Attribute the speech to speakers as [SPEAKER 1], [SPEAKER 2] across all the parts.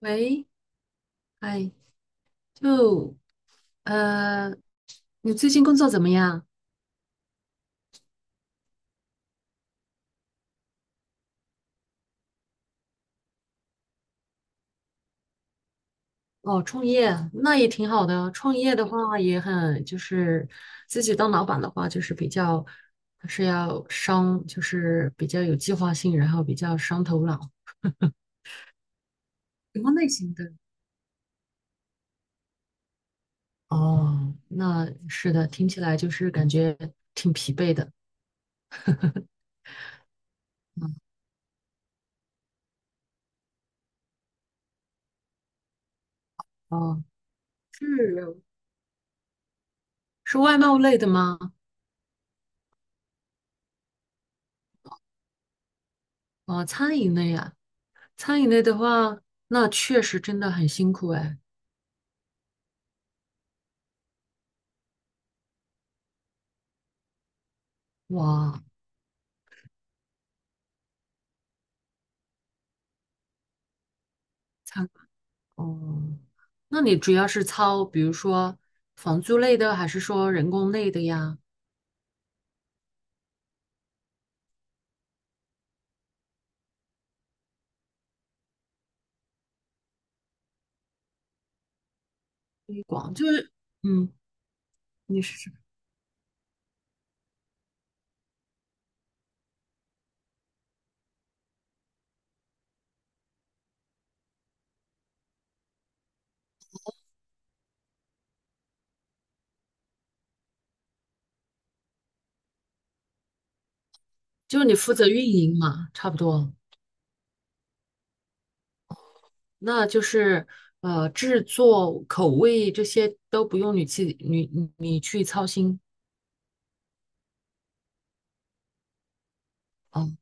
[SPEAKER 1] 喂，哎，就呃，你最近工作怎么样？哦，创业那也挺好的。创业的话也很，就是自己当老板的话，就是比较还是要伤，就是比较有计划性，然后比较伤头脑。什么类型的？哦，那是的，听起来就是感觉挺疲惫的。哦，是是外贸类的吗？哦，餐饮类啊，餐饮类的话，那确实真的很辛苦哎。哇，参哦，那你主要是操，比如说房租类的，还是说人工类的呀？推广就是，嗯，你是就是你负责运营嘛，差不多。那就是呃，制作口味这些都不用你去操心。哦，哦，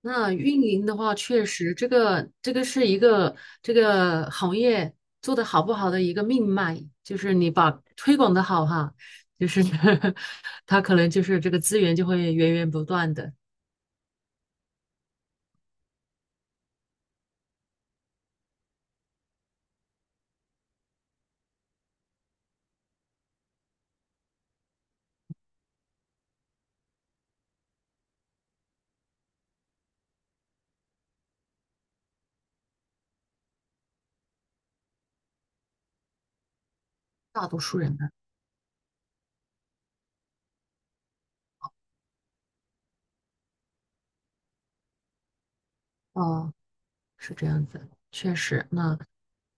[SPEAKER 1] 那运营的话，确实这个是一个这个行业做得好不好的一个命脉，就是你把推广的好哈，就是 他可能就是这个资源就会源源不断的，大多数人的。哦，是这样子，确实那。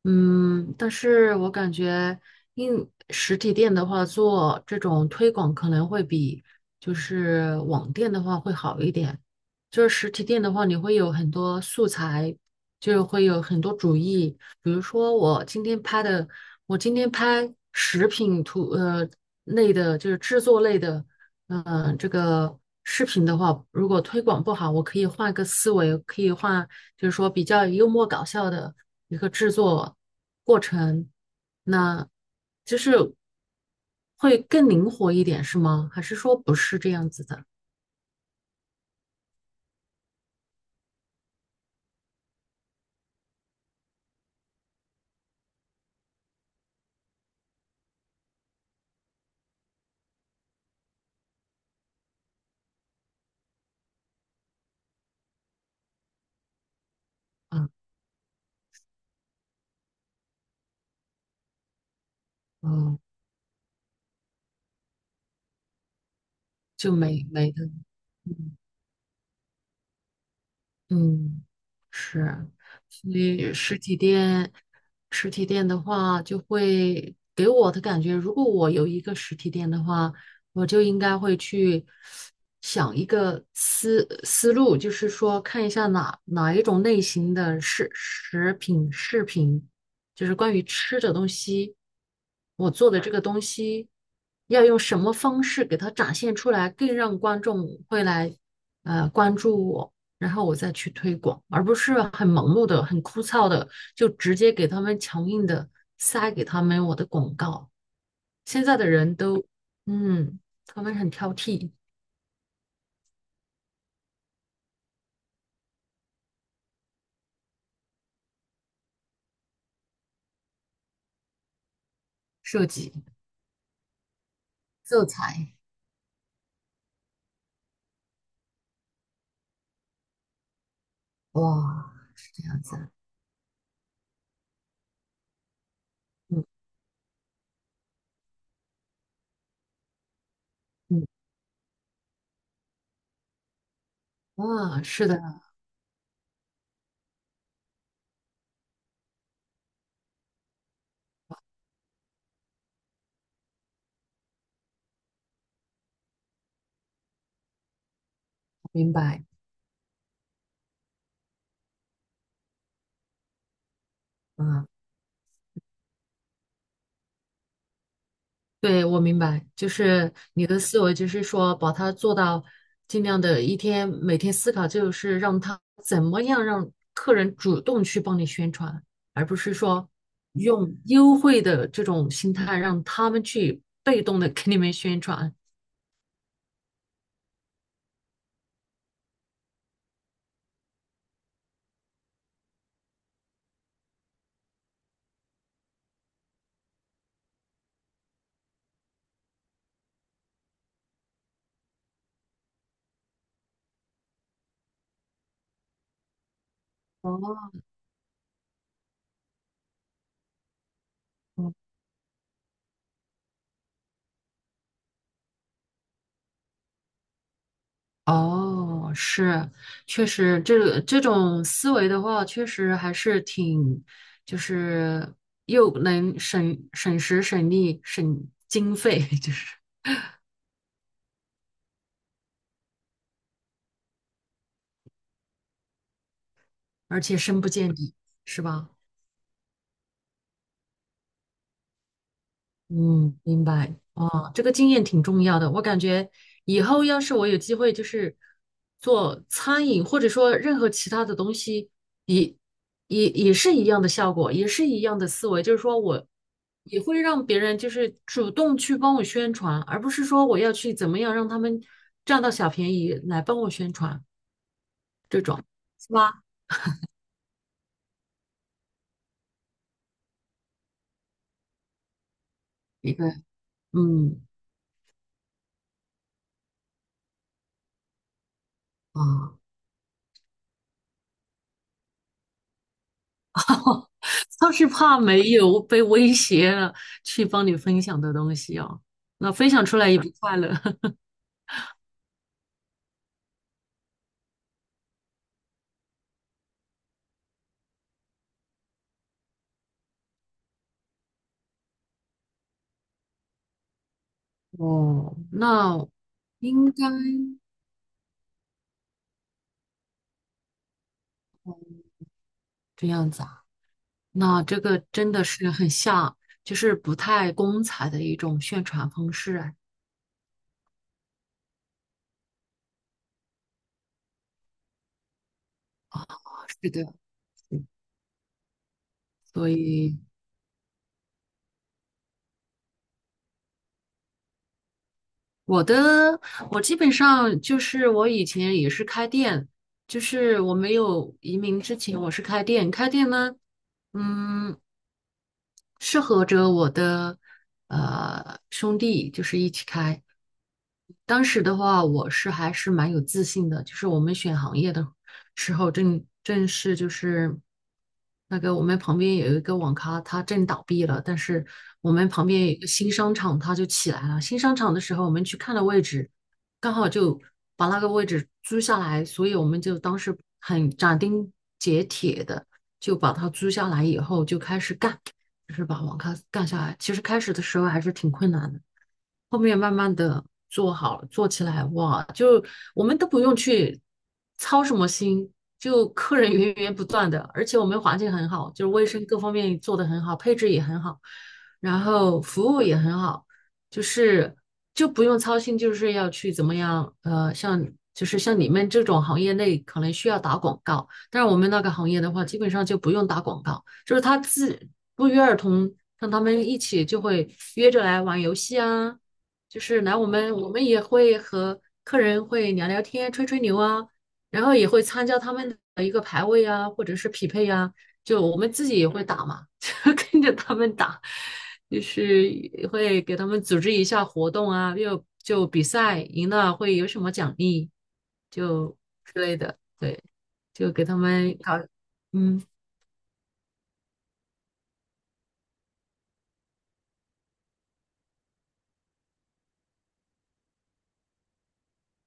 [SPEAKER 1] 嗯，但是我感觉应实体店的话，做这种推广可能会比就是网店的话会好一点。就是实体店的话，你会有很多素材，就会有很多主意。比如说我今天拍的，我今天拍食品图呃类的，就是制作类的，这个视频的话，如果推广不好，我可以换个思维，可以换，就是说比较幽默搞笑的。一个制作过程，那就是会更灵活一点，是吗？还是说不是这样子的？啊，哦，就没没的，嗯，嗯，是，所以实体店，实体店的话，就会给我的感觉，如果我有一个实体店的话，我就应该会去想一个思思路，就是说看一下哪一种类型的食食品饰品，就是关于吃的东西，我做的这个东西要用什么方式给它展现出来，更让观众会来呃关注我。然后我再去推广，而不是很盲目的、很枯燥的，就直接给他们强硬的塞给他们我的广告。现在的人都，嗯，他们很挑剔。设计、色彩，哇，是这样子啊。嗯，嗯，啊，是的，明白，啊。对，我明白，就是你的思维，就是说把它做到尽量的一天，每天思考，就是让他怎么样让客人主动去帮你宣传，而不是说用优惠的这种心态让他们去被动的给你们宣传。哦，哦，是，确实，这这种思维的话，确实还是挺，就是又能省时省力省经费，就是。而且深不见底，是吧？嗯，明白。哦，这个经验挺重要的。我感觉以后要是我有机会，就是做餐饮，或者说任何其他的东西，也也是一样的效果，也是一样的思维。就是说我也会让别人就是主动去帮我宣传，而不是说我要去怎么样让他们占到小便宜来帮我宣传这种，是吧？一个，嗯，啊。他是怕没有被威胁了去帮你分享的东西哦，那分享出来也不快乐。哦，那应该这样子啊。那这个真的是很像，就是不太光彩的一种宣传方式啊。是的，嗯，所以我的，我基本上就是我以前也是开店，就是我没有移民之前我是开店，开店呢。嗯，适合着我的呃兄弟，就是一起开。当时的话，我是还是蛮有自信的，就是我们选行业的时候正，正是就是那个我们旁边有一个网咖，它正倒闭了，但是我们旁边有一个新商场，它就起来了。新商场的时候，我们去看了位置，刚好就把那个位置租下来，所以我们就当时很斩钉截铁的就把它租下来以后就开始干。就是把网咖干下来。其实开始的时候还是挺困难的，后面慢慢的做好了，做起来哇，就我们都不用去操什么心，就客人源源不断的，而且我们环境很好，就是卫生各方面做得很好，配置也很好，然后服务也很好，就是就不用操心，就是要去怎么样，呃，像。就是像你们这种行业内可能需要打广告，但是我们那个行业的话，基本上就不用打广告，就是他自不约而同让他们一起就会约着来玩游戏啊，就是来我们，我们也会和客人会聊聊天、吹吹牛啊，然后也会参加他们的一个排位啊，或者是匹配啊，就我们自己也会打嘛，就跟着他们打，就是也会给他们组织一下活动啊，又就比赛赢了会有什么奖励，就之类的，对，就给他们搞，嗯。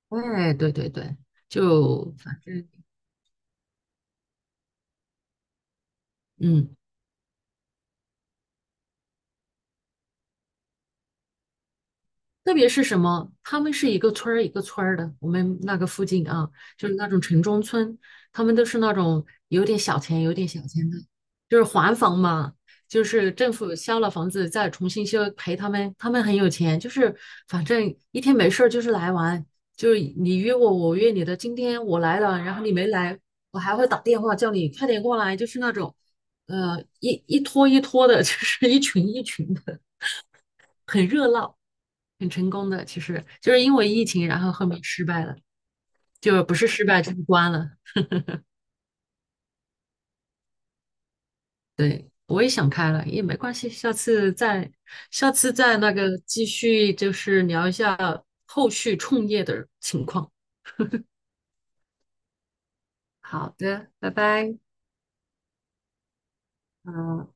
[SPEAKER 1] 哎，对对对，就反正嗯，特别是什么，他们是一个村儿一个村儿的，我们那个附近啊，就是那种城中村，他们都是那种有点小钱的，就是还房嘛，就是政府销了房子再重新修，赔他们，他们很有钱，就是反正一天没事儿就是来玩，就是你约我，我约你的，今天我来了，然后你没来，我还会打电话叫你快点过来，就是那种，呃，一拖一拖的，就是一群一群的，很热闹。很成功的，其实就是因为疫情，然后后面失败了，就不是失败就是关了。对，我也想开了，也没关系，下次再，下次再那个继续，就是聊一下后续创业的情况。好的，拜拜。嗯。